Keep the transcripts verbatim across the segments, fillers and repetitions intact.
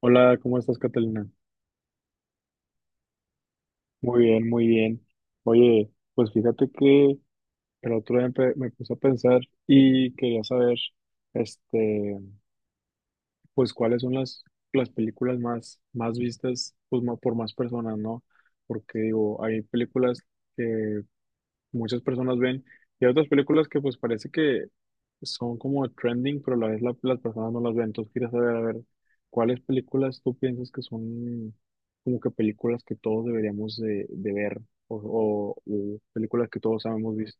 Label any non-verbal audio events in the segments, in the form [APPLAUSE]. Hola, ¿cómo estás, Catalina? Muy bien, muy bien. Oye, pues fíjate que el otro día empe- me puse a pensar y quería saber, este, pues cuáles son las, las películas más, más vistas, pues ma- por más personas, ¿no? Porque digo, hay películas que muchas personas ven y hay otras películas que pues parece que son como trending, pero a la vez la- las personas no las ven. Entonces quieres saber, a ver, ¿cuáles películas tú piensas que son como que películas que todos deberíamos de, de ver o, o, o películas que todos hemos visto?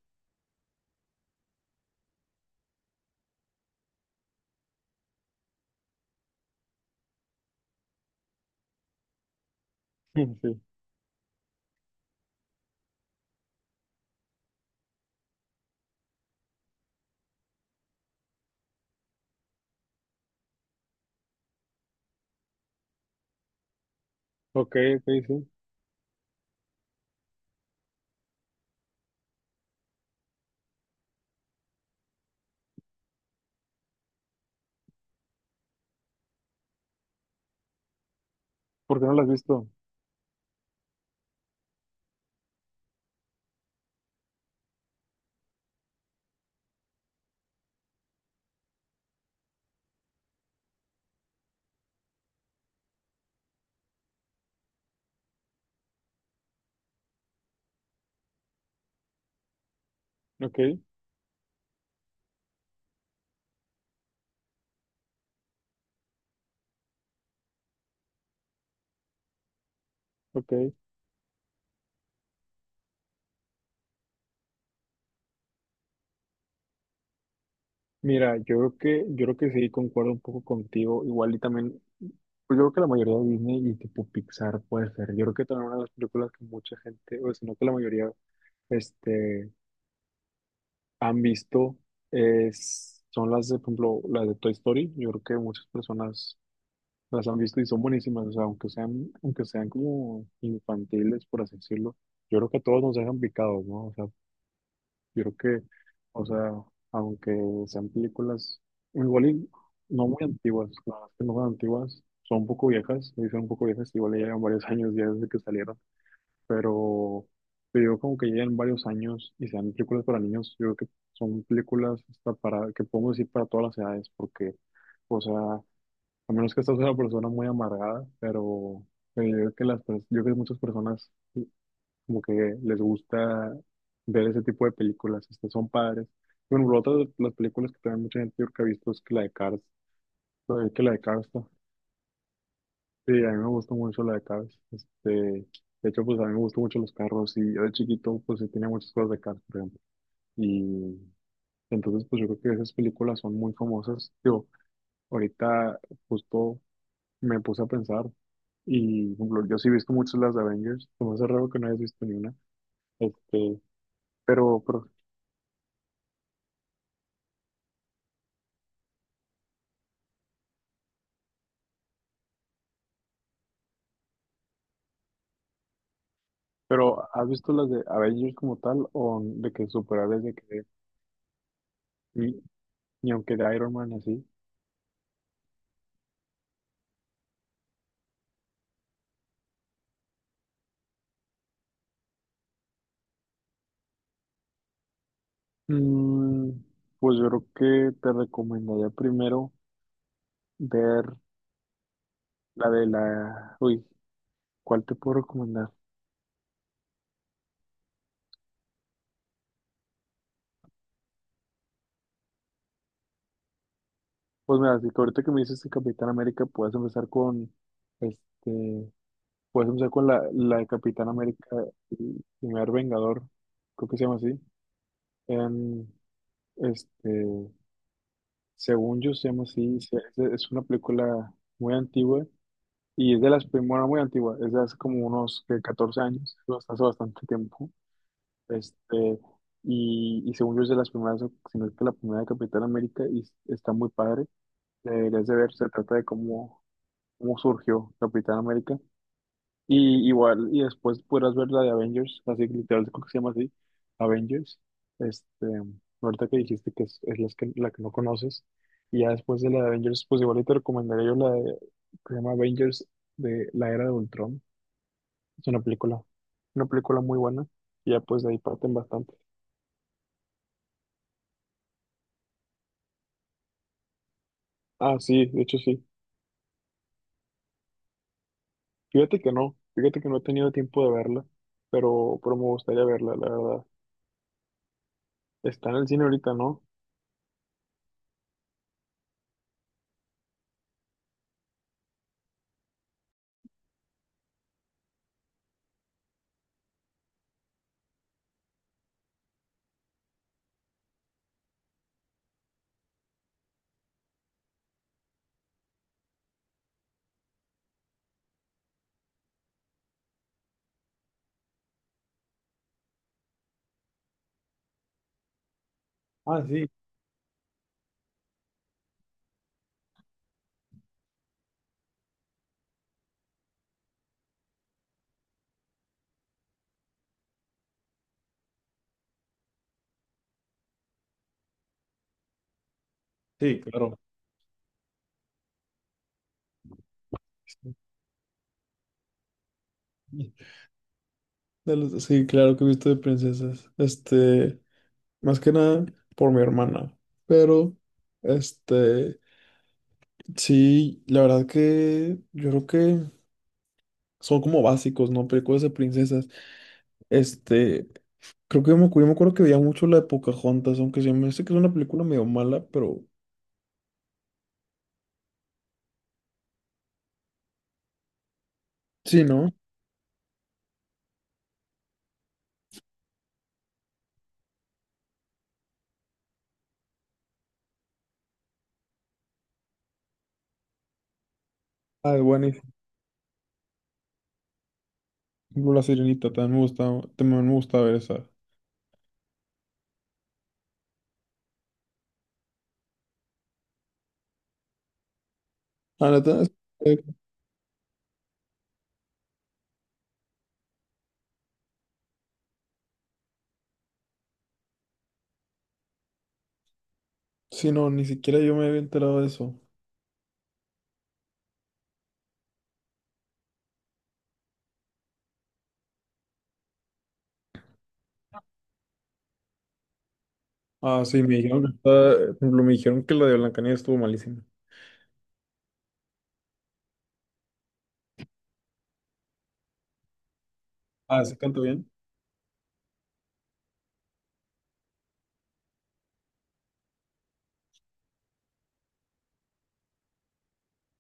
[LAUGHS] Sí. Ok, ok, sí. ¿Por qué no las has visto? Ok, ok. Mira, yo creo que, yo creo que sí, concuerdo un poco contigo. Igual y también, pues yo creo que la mayoría de Disney y tipo Pixar puede ser. Yo creo que también una de las películas que mucha gente, o si no que la mayoría, este... han visto es, son las de, por ejemplo, las de Toy Story. Yo creo que muchas personas las han visto y son buenísimas. O sea, aunque sean, aunque sean como infantiles, por así decirlo, yo creo que a todos nos dejan picados, ¿no? O sea, yo creo que, o sea, aunque sean películas igual y no muy antiguas, la verdad es que no son antiguas, son un poco viejas, me dicen un poco viejas, igual ya llevan varios [LAUGHS] años ya desde que salieron, pero pero yo como que llegan varios años y sean películas para niños, yo creo que son películas hasta para, que podemos decir para todas las edades, porque, o sea, a menos que estás una persona muy amargada, pero, pero yo creo que las, pers- yo creo que muchas personas mm, como que les gusta ver ese tipo de películas, estas son padres. Bueno, por otra de las películas que también mucha gente yo creo que ha visto es que la de Cars, eh, que la de Cars, ¿no? Sí, a mí me gustó mucho la de Cars. Este, de hecho, pues a mí me gustó mucho los carros y yo de chiquito pues sí tenía muchas cosas de Cars, por ejemplo. Y entonces pues yo creo que esas películas son muy famosas. Yo ahorita justo me puse a pensar y, por ejemplo, yo sí he visto muchas las de Avengers. Como me raro que no hayas visto ni una. Este, pero, pero, pero ¿has visto las de Avengers como tal o de que superhéroes de que ni, ni aunque de Iron Man así? Mm, pues yo creo que te recomendaría primero ver la de la, uy, ¿cuál te puedo recomendar? Pues mira, si que ahorita que me dices de Capitán América, puedes empezar con, este, puedes empezar con la, la de Capitán América, el primer Vengador, creo que se llama así. En, este, según yo se llama así, se- es, es una película muy antigua y es de las primeras, muy antigua, es de hace como unos ¿qué? catorce años, hace bastante tiempo. Este, y, y según yo es de las primeras, o- si no es que la primera de Capitán América, y s- está muy padre. La deberías de ver, se trata de cómo, cómo surgió Capitán América. Y igual, y después podrás ver la de Avengers, así que literal creo que se llama así, Avengers. Este, ahorita que dijiste que es, es las que- la que no conoces. Y ya después de la de Avengers, pues igual y te recomendaría yo la de, que se llama Avengers de la Era de Ultron. Es una película, una película muy buena. Y ya pues de ahí parten bastante. Ah, sí, de hecho sí. Fíjate que no, fíjate que no he tenido tiempo de verla, pero, pero me gustaría verla, la verdad. Está en el cine ahorita, ¿no? Ah, sí, sí, claro. De los- Sí, claro que he visto de princesas. Este, más que nada por mi hermana. Pero, este, sí, la verdad que yo creo que son como básicos, ¿no? Películas de princesas. Este, creo que yo me, acu- yo me acuerdo que veía mucho la de Pocahontas, aunque sí me dice que es una película medio mala, pero sí, ¿no? Ah, es buenísimo. Por ejemplo, La Sirenita también me gusta, también me gusta ver esa. Ah, neta, es- eh, sí, no, ni siquiera yo me había enterado de eso. Ah, sí, me dijeron que está, por ejemplo, me dijeron que la de Blancanieves estuvo malísima. Ah, ¿sí canta bien?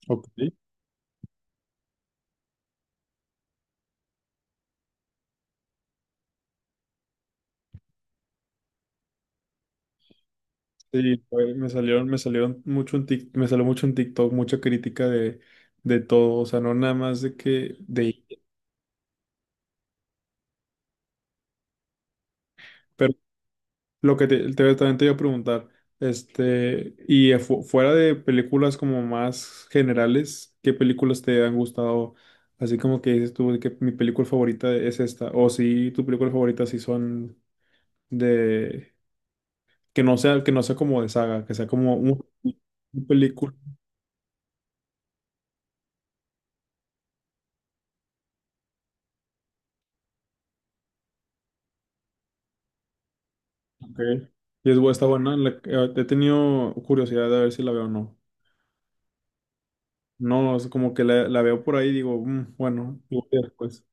Ok. Sí, fue- me salieron, me salieron mucho en Tik- me salió mucho en TikTok, mucha crítica de, de todo, o sea, no nada más de que de ella. Lo que te, te- también te iba a preguntar, este, y eh, fu- fuera de películas como más generales, ¿qué películas te han gustado? Así como que dices tú de que mi película favorita es esta, o si tu película favorita sí son de, que no sea, que no sea como de saga, que sea como un, un película, ok. Y es, bu- está buena, la- eh, he tenido curiosidad de ver si la veo o no. No, es como que la, la veo por ahí y digo, "Mm, bueno, igual y después."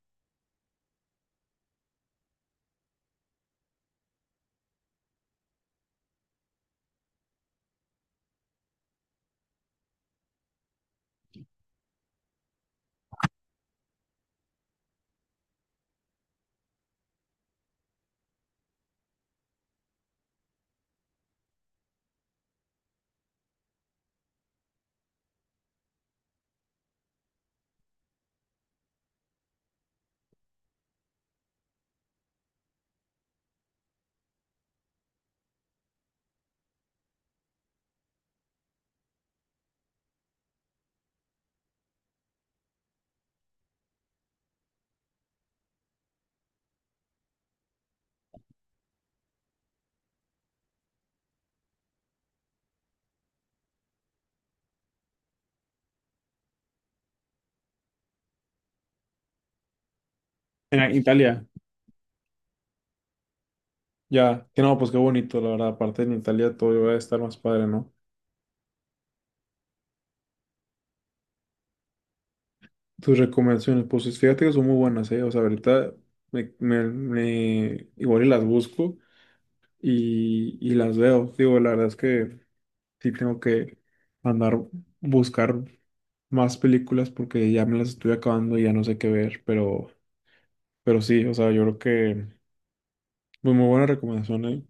En Italia. Ya, que no, pues qué bonito, la verdad. Aparte en Italia todo va a estar más padre, ¿no? Tus recomendaciones, pues fíjate que son muy buenas, ¿eh? O sea, ahorita me, me, me- igual y las busco y, y las veo. Digo, la verdad es que sí tengo que andar buscar más películas porque ya me las estoy acabando y ya no sé qué ver, pero, pero sí, o sea, yo creo que pues, muy buena recomendación, ¿eh?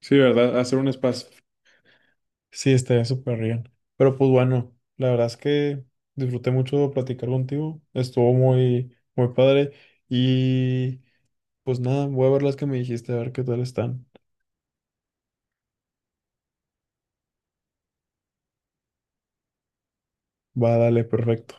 Sí, ¿verdad? Hacer un espacio. Sí, estaría súper bien. Pero pues bueno, la verdad es que disfruté mucho platicar contigo. Estuvo muy, muy padre. Y pues nada, voy a ver las que me dijiste, a ver qué tal están. Va, dale, perfecto.